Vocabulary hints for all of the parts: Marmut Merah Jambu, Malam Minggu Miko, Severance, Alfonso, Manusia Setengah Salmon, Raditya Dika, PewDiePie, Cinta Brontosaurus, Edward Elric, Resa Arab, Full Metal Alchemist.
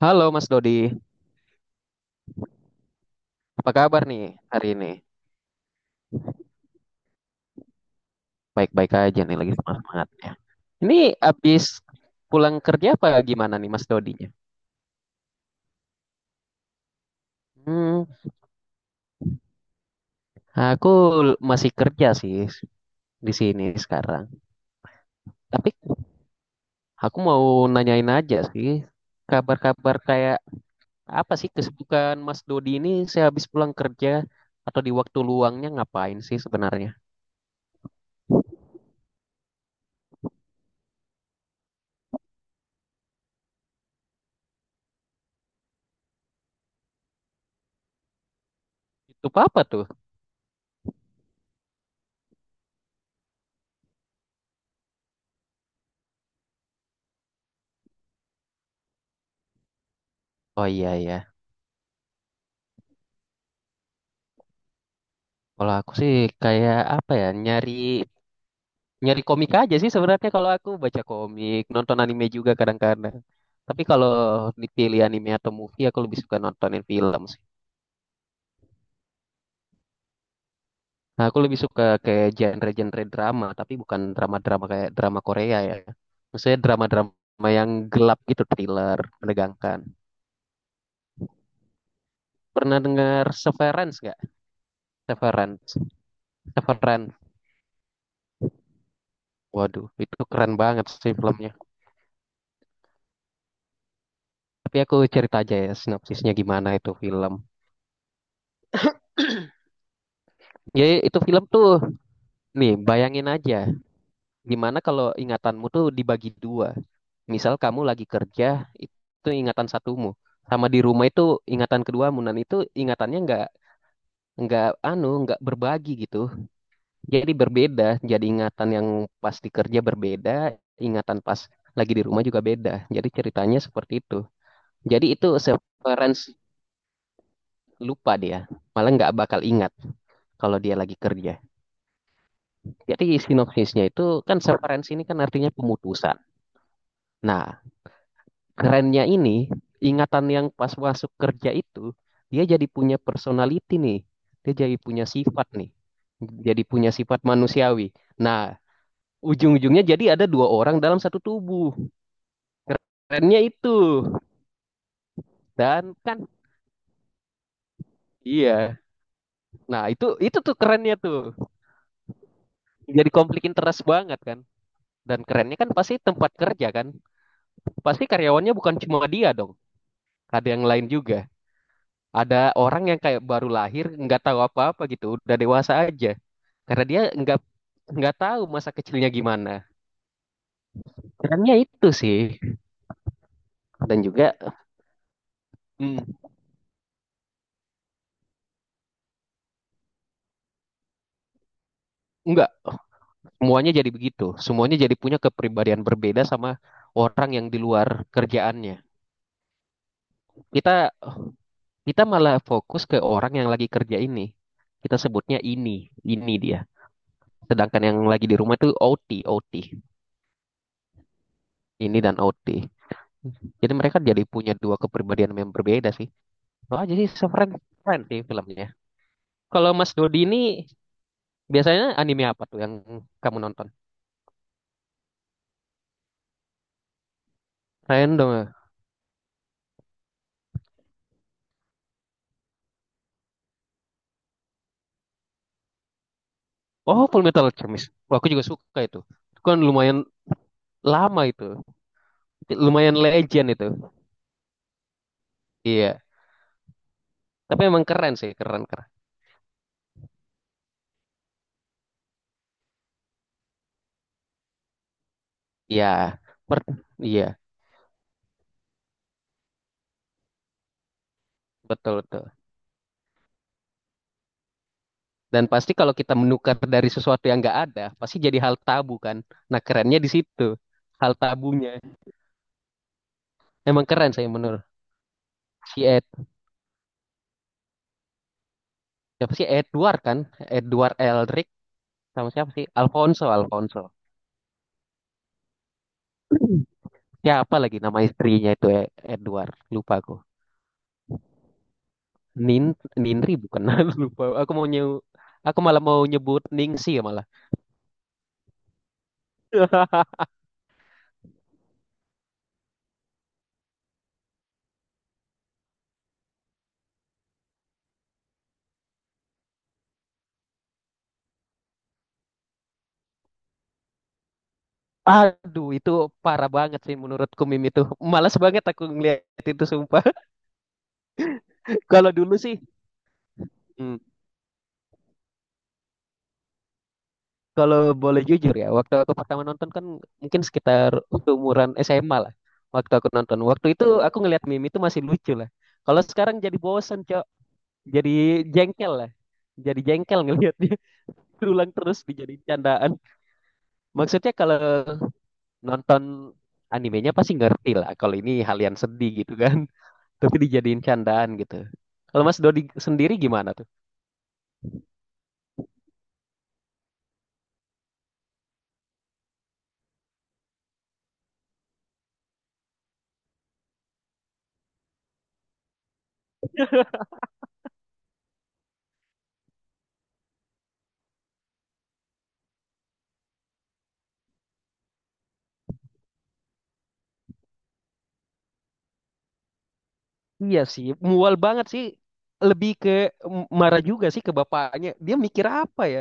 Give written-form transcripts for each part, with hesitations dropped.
Halo Mas Dodi, apa kabar nih hari ini? Baik-baik aja nih lagi semangat-semangatnya. Ini habis pulang kerja apa gimana nih Mas Dodinya? Hmm, aku masih kerja sih di sini sekarang. Tapi aku mau nanyain aja sih, kabar-kabar kayak apa sih kesibukan Mas Dodi ini sehabis pulang kerja atau di waktu luangnya ngapain sih sebenarnya? Itu apa tuh? Oh iya ya. Kalau aku sih kayak apa ya, nyari nyari komik aja sih sebenarnya, kalau aku baca komik, nonton anime juga kadang-kadang. Tapi kalau dipilih anime atau movie, aku lebih suka nontonin film sih. Nah, aku lebih suka kayak genre-genre drama, tapi bukan drama-drama kayak drama Korea ya. Maksudnya drama-drama yang gelap gitu, thriller, menegangkan. Pernah dengar Severance nggak? Severance. Severance. Waduh, itu keren banget sih filmnya. Tapi aku cerita aja ya sinopsisnya gimana itu film. Ya, itu film tuh, nih bayangin aja. Gimana kalau ingatanmu tuh dibagi dua? Misal kamu lagi kerja, itu ingatan satumu. Sama di rumah itu ingatan keduamu. Dan itu ingatannya nggak anu nggak berbagi gitu. Jadi berbeda. Jadi ingatan yang pas di kerja berbeda, ingatan pas lagi di rumah juga beda. Jadi ceritanya seperti itu. Jadi itu severance lupa dia. Malah nggak bakal ingat kalau dia lagi kerja. Jadi sinopsisnya itu kan severance ini kan artinya pemutusan. Nah, kerennya ini, ingatan yang pas masuk kerja itu, dia jadi punya personality nih. Dia jadi punya sifat nih. Jadi punya sifat manusiawi. Nah, ujung-ujungnya jadi ada dua orang dalam satu tubuh. Kerennya itu. Dan kan, iya. Nah, itu tuh kerennya tuh. Jadi konflik interest banget kan. Dan kerennya kan pasti tempat kerja kan. Pasti karyawannya bukan cuma dia dong. Ada yang lain juga. Ada orang yang kayak baru lahir, nggak tahu apa-apa gitu, udah dewasa aja, karena dia nggak tahu masa kecilnya gimana. Kerennya itu sih, dan juga mm, nggak, semuanya jadi begitu, semuanya jadi punya kepribadian berbeda sama orang yang di luar kerjaannya. Kita kita malah fokus ke orang yang lagi kerja ini. Kita sebutnya ini dia. Sedangkan yang lagi di rumah itu OT, OT. Ini dan OT. Jadi mereka jadi punya dua kepribadian yang berbeda sih. Wah jadi sih, so friend, friend sih filmnya. Kalau Mas Dodi ini biasanya anime apa tuh yang kamu nonton? Random, ya? Oh, Full Metal Alchemist. Wah, aku juga suka itu. Itu kan lumayan lama itu. Lumayan legend itu. Iya. Tapi emang keren sih, keren keren. Iya. Per- iya, betul betul. Dan pasti kalau kita menukar dari sesuatu yang nggak ada, pasti jadi hal tabu kan. Nah, kerennya di situ. Hal tabunya. Emang keren saya menurut si Ed. Siapa sih Edward kan? Edward Elric sama siapa sih? Alfonso, Alfonso. Ya apa lagi nama istrinya itu Edward. Lupa aku. Nin Ninri bukan. Lupa. Aku malah mau nyebut Ningsi ya malah. Aduh, itu parah banget sih menurutku meme itu. Malas banget aku ngeliat itu sumpah. Kalau dulu sih, hmm, kalau boleh jujur ya, waktu aku pertama nonton kan mungkin sekitar umuran SMA lah. Waktu aku nonton, waktu itu aku ngeliat meme itu masih lucu lah. Kalau sekarang jadi bosen, Cok. Jadi jengkel lah. Jadi jengkel ngeliat berulang terus dijadiin candaan. Maksudnya kalau nonton animenya pasti ngerti lah kalau ini hal yang sedih gitu kan. Tapi dijadiin candaan gitu. Kalau Mas Dodi sendiri gimana tuh? Iya sih, mual banget sih. Lebih ke marah juga sih ke bapaknya. Dia mikir apa ya?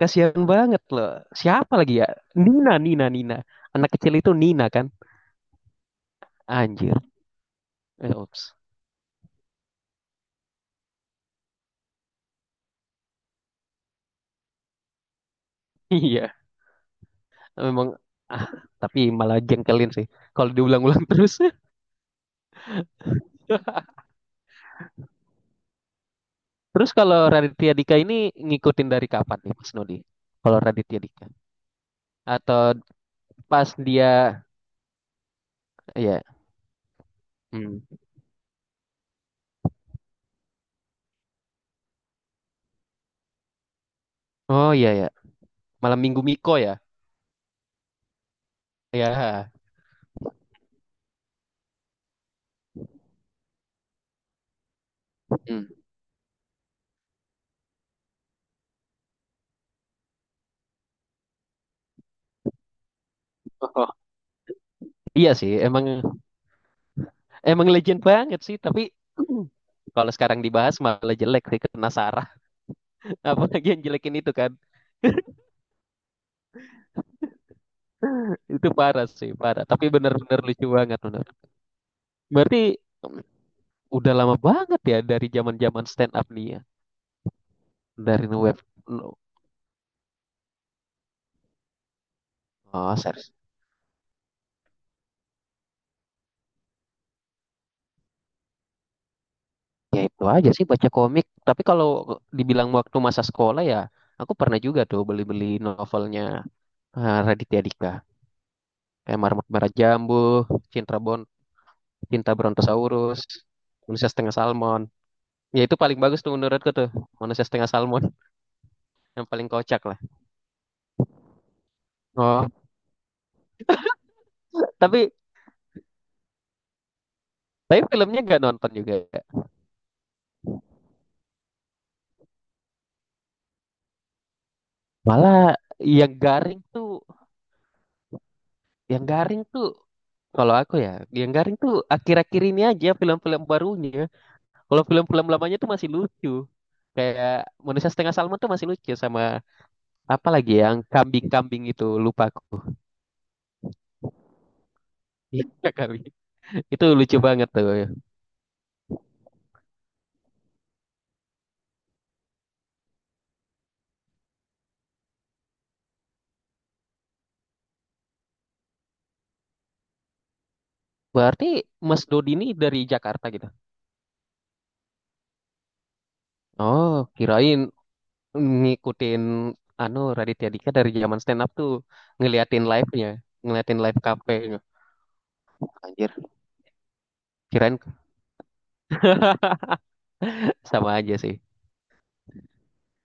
Kasihan banget loh. Siapa lagi ya? Nina, Nina, Nina. Anak kecil itu Nina kan? Anjir. Eh, ups. Iya, memang ah, tapi malah jengkelin sih. Kalau diulang-ulang terus. Terus kalau Raditya Dika ini ngikutin dari kapan nih Mas Nudi? Kalau Raditya Dika atau pas dia ya. Hmm. Oh iya ya. Malam Minggu Miko ya. Ya. Hmm. Oh, iya sih, emang emang legend banget sih, tapi kalau sekarang dibahas malah jelek sih kena Sarah. Apalagi yang jelekin itu kan. Itu parah sih, parah. Tapi bener-bener lucu banget bener. Berarti mm, udah lama banget ya dari zaman-zaman stand up nih ya. Dari no web no. Oh, serius. Ya itu aja sih baca komik. Tapi kalau dibilang waktu masa sekolah ya, aku pernah juga tuh beli-beli novelnya Raditya Dika. Kayak Marmut Merah Jambu, Cinta Bon, Cinta Brontosaurus, Manusia Setengah Salmon. Ya itu paling bagus tuh menurutku tuh, Manusia Setengah Salmon yang paling kocak lah. Oh, tapi tapi filmnya nggak nonton juga, ya. Malah yang garing tuh, yang garing tuh kalau aku ya, yang garing tuh akhir-akhir ini aja film-film barunya. Kalau film-film lamanya tuh masih lucu. Kayak Manusia Setengah Salmon tuh masih lucu, sama apa lagi yang kambing-kambing itu lupa aku. Iya, kambing. Itu lucu banget tuh. Berarti Mas Dodi ini dari Jakarta gitu. Oh, kirain ngikutin anu Raditya Dika dari zaman stand up tuh, ngeliatin live-nya, ngeliatin live cafe. Anjir, kirain sama aja sih.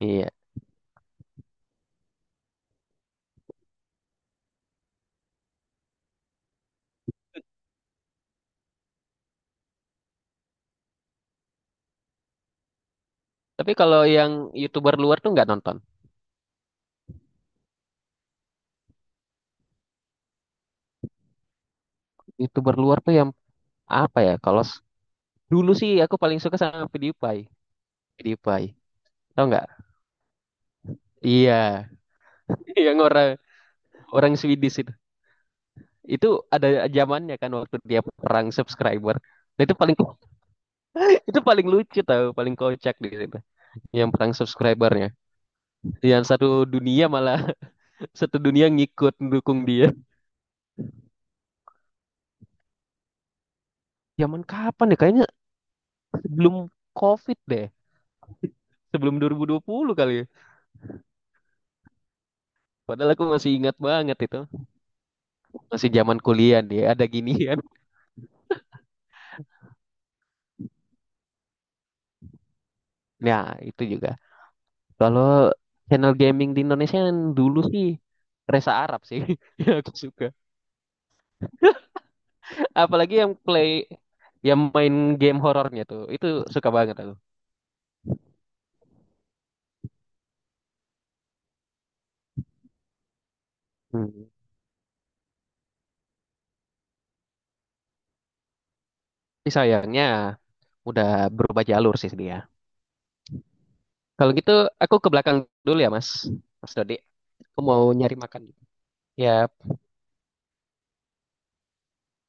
Iya. Tapi kalau yang YouTuber luar tuh nggak nonton. YouTuber luar tuh yang apa ya? Dulu sih aku paling suka sama PewDiePie. PewDiePie. Tau nggak? Iya. Yang orang orang Swedish itu. Itu ada zamannya kan waktu dia perang subscriber. Nah, itu paling itu paling lucu tau, paling kocak di situ. Yang perang subscribernya. Yang satu dunia malah satu dunia ngikut mendukung dia. Zaman kapan ya? Kayaknya sebelum COVID deh. Sebelum 2020 kali ya. Padahal aku masih ingat banget itu. Masih zaman kuliah dia ada ginian. Nah, itu juga. Kalau channel gaming di Indonesia yang dulu sih Resa Arab sih, yang aku suka. Apalagi yang main game horornya tuh, itu suka banget aku. Hmm. Tapi sayangnya udah berubah jalur sih dia. Kalau gitu aku ke belakang dulu ya Mas. Mas Dodi, aku mau nyari makan. Ya,